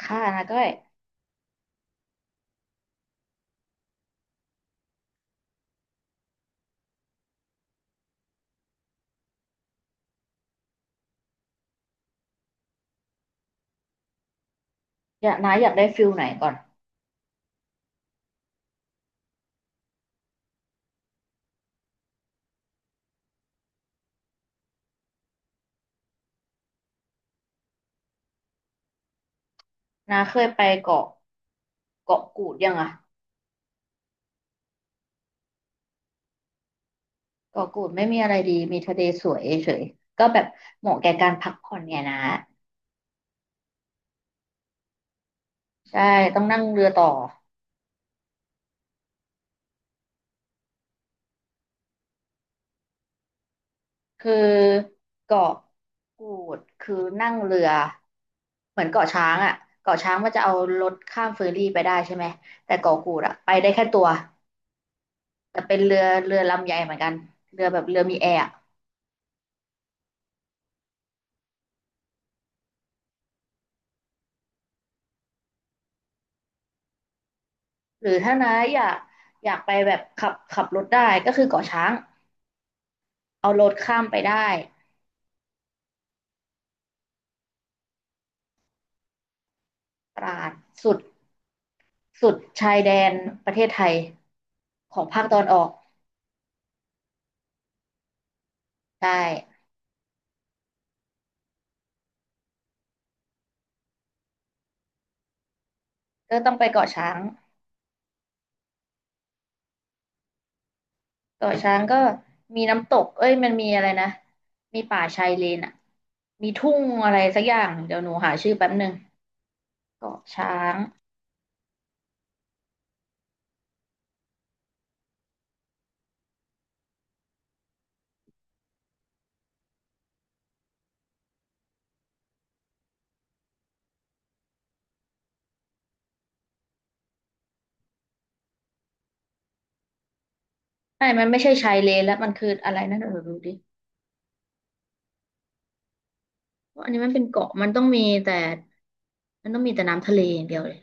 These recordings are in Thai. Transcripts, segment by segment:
ค่ะนาก็อยอยากนาอยากได้ฟิลไหนก่อนนาเคยไปเกาะกูดยังอะเกาะกูดไม่มีอะไรดีมีทะเลสวยเฉยก็แบบเหมาะแก่การพักผ่อนเนี่ยนะใช่ต้องนั่งเรือต่อคือเกาะกูดคือนั่งเรือเหมือนเกาะช้างอะเกาะช้างมันจะเอารถข้ามเฟอร์รี่ไปได้ใช่ไหมแต่เกาะกูดอะไปได้แค่ตัวแต่เป็นเรือลำใหญ่เหมือนกันเรือแบบเรือมีแอร์ หรือถ้าน้าอยากไปแบบขับรถได้ก็คือเกาะช้างเอารถข้ามไปได้ตราดสุดสุดชายแดนประเทศไทยของภาคตอนออกใช่ก็ต้องไปเกาะช้างเกาะช้างก็มีน้ำตกเอ้ยมันมีอะไรนะมีป่าชายเลนอ่ะมีทุ่งอะไรสักอย่างเดี๋ยวหนูหาชื่อแป๊บหนึ่งเกาะช้างใช่มันไม่ใช่ชายเลนแล้วมันคืออะไรนะเดี๋ยวหนูดูดิเพราะอันนี้มันเป็นเกาะมันต้องมีแต่น้ำทะเลอย่างเดียวเลย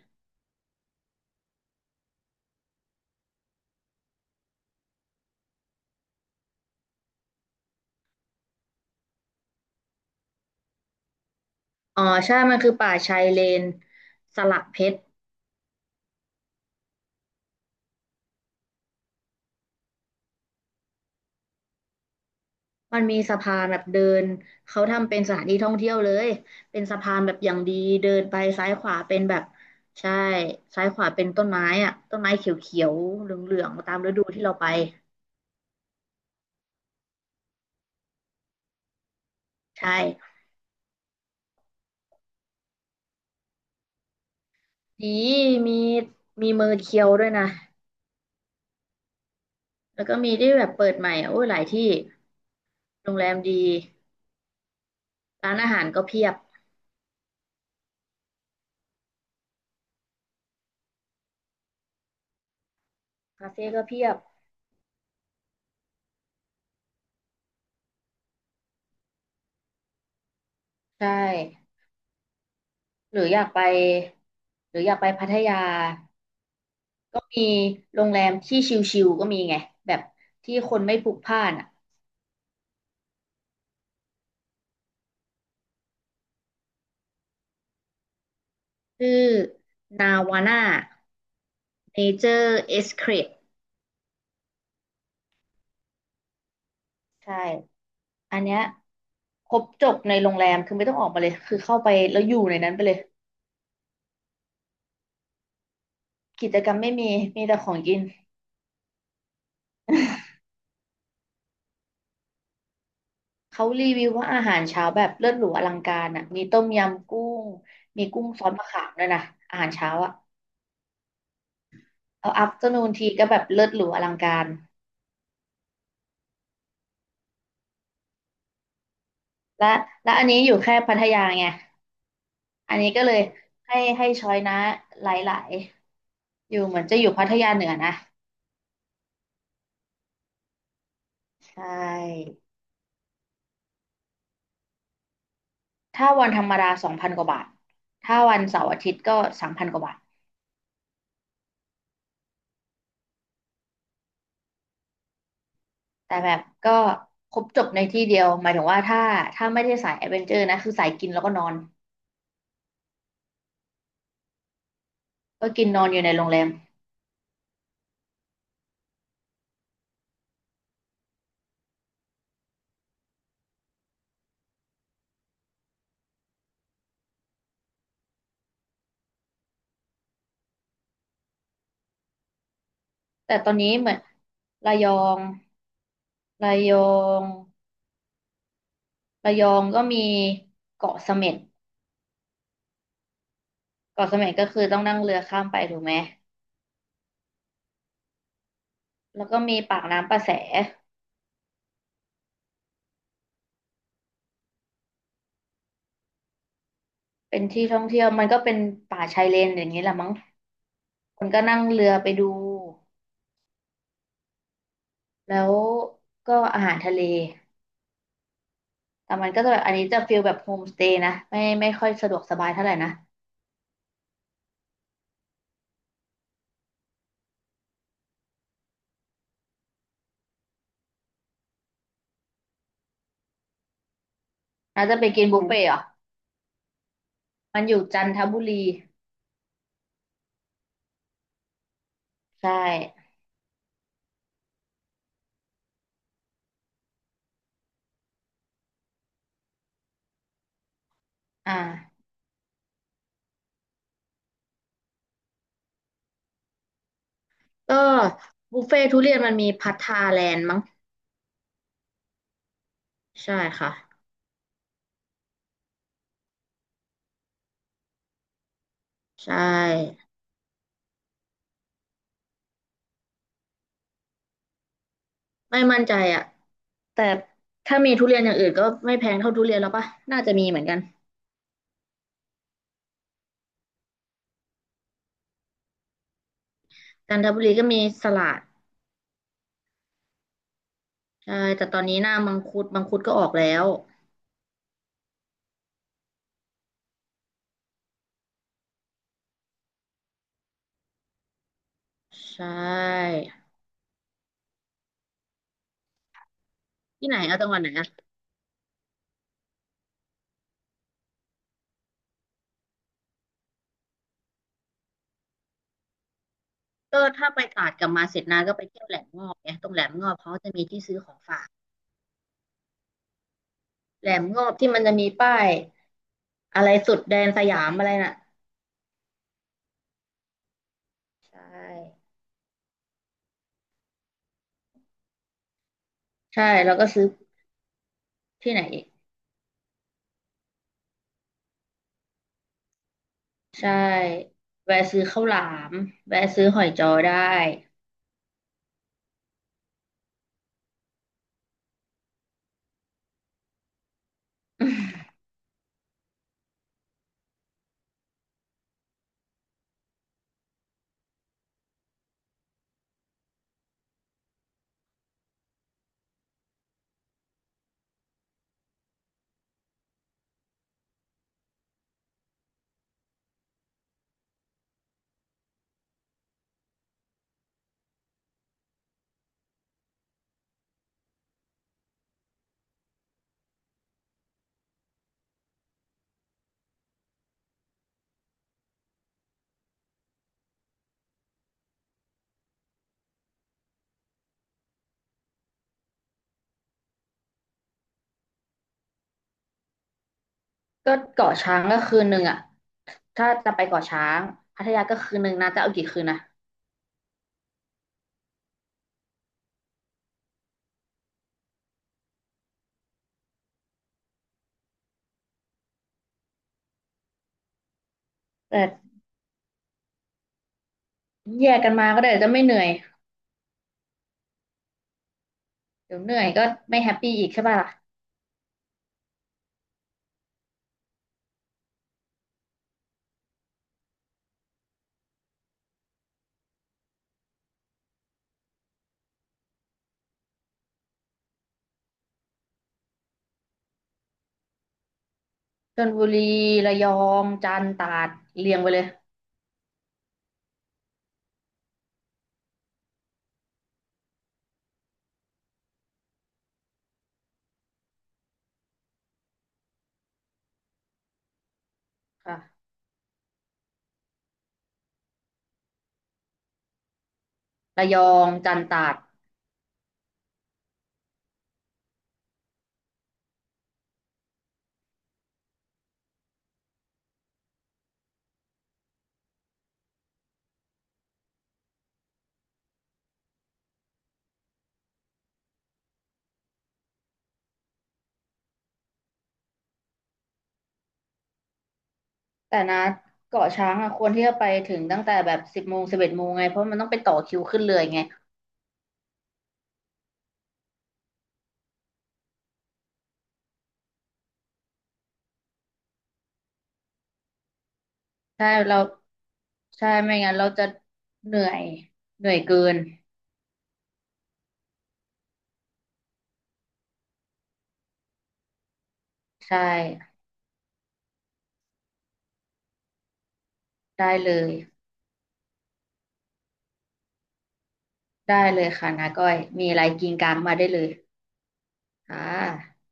อ๋อใช่มันคือป่าชายเลนสลักเพชรมันมีสะพานแบบเดินเขาทำเป็นสถานที่ท่องเที่ยวเลยเป็นสะพานแบบอย่างดีเดินไปซ้ายขวาเป็นแบบใช่ซ้ายขวาเป็นต้นไม้อะต้นไม้เขียวๆเหลืองๆตามฤดูที่เราไปใช่ดีมีมีเมอร์เคียวด้วยนะแล้วก็มีที่แบบเปิดใหม่อะโอ้ยหลายที่โรงแรมดีร้านอาหารก็เพียบคาเฟ่ก็เพียบใช่หรืออยากไปหรืออยากไปพัทยา มีโรงแรมที่ชิลๆก็มีไงแบบที่คนไม่พลุกพล่านอ่ะชื่อนาวาน่าเนเจอร์เอสเครดใช่อันเนี้ยครบจบในโรงแรมคือไม่ต้องออกมาเลยคือเข้าไปแล้วอยู่ในนั้นไปเลยกิจกรรมไม่มีมีแต่ของกินเขารีวิวว่าอาหารเช้าแบบเลิศหรูอลังการอ่ะมีต้มยำกุ้งมีกุ้งซอสมะขามด้วยนะอาหารเช้าอ่ะเอาอัฟเตอร์นูนทีก็แบบเลิศหรูอลังการและและอันนี้อยู่แค่พัทยาไง อันนี้ก็เลยให้ช้อยนะหลายๆอยู่เหมือนจะอยู่พัทยาเหนือนะใช่ถ้าวันธรรมดา2,000 กว่าบาทถ้าวันเสาร์อาทิตย์ก็3,000 กว่าบาทแต่แบบก็ครบจบในที่เดียวหมายถึงว่าถ้าไม่ได้สายแอดเวนเจอร์นะคือสายกินแล้วก็นอนก็กินนอนอยู่ในโรงแรมแต่ตอนนี้เหมือนระยองระยองระยองก็มีเกาะเสม็ดเกาะเสม็ดก็คือต้องนั่งเรือข้ามไปถูกไหมแล้วก็มีปากน้ำประแส เป็นที่ท่องเที่ยวมันก็เป็นป่าชายเลนอย่างนี้แหละมั้งคนก็นั่งเรือไปดูแล้วก็อาหารทะเลแต่มันก็จะแบบอันนี้จะฟีลแบบโฮมสเตย์นะไม่ค่อยสะดวกสบายเท่าไหร่นะน่าจะไปกินบุฟเฟ่ต์เหรอมันอยู่จันทบุรีใช่อ่าก็บุฟเฟ่ทุเรียนมันมีพัทธาแลนด์มั้งใช่ค่ะใช่ไม่มั่นใจอ่ะแต่ถ้ามีทุเรียนอย่างอื่นก็ไม่แพงเท่าทุเรียนแล้วปะน่าจะมีเหมือนกันจันทบุรีก็มีสลัด ใช่แต่ตอนนี้หน้ามังคุดมังคุดก็ออกแล้วใช่ที่ไหนเอาจังหวัดไหนอะก็ถ้าไปตราดกลับมาเสร็จนาก็ไปเที่ยวแหลมงอบไงตรงแหลมงอบเขาจะมีที่ซื้อของฝากแหลมงอบที่มันจะมีป้ายอะไรสุดแดนสยามอะไรน่ะใช่ใช่แล้วก็ซื้อที่ไหนอีกใช่แวะซื้อข้าวหลามแวะซื้อหอยจอได้ก็เกาะช้างก็คืนหนึ่งอะถ้าจะไปเกาะช้างพัทยาก็คืนหนึ่งนะจะเอากี่คืนนะแต่แยกกันมาก็ได้จะไม่เหนื่อย เดี๋ยวเหนื่อยก็ไม่แฮปปี้อีกใช่ป่ะล่ะชลบุรีระยองจันทร์ตราดเรียงไปเลยค่ะระยองจันทร์ตราดแต่นะเกาะช้างอ่ะควรที่จะไปถึงตั้งแต่แบบ10 โมง11 โมงไงเพราะมันต้องไปต่อคิวขึ้นเรือไงใช่เราใช่ไม่งั้นเราจะเหนื่อยเหนื่อยเกินใช่ได้เลยได้เลยค่ะนาก้อยมีอะไรกินกลางมาได้เลยค่ะ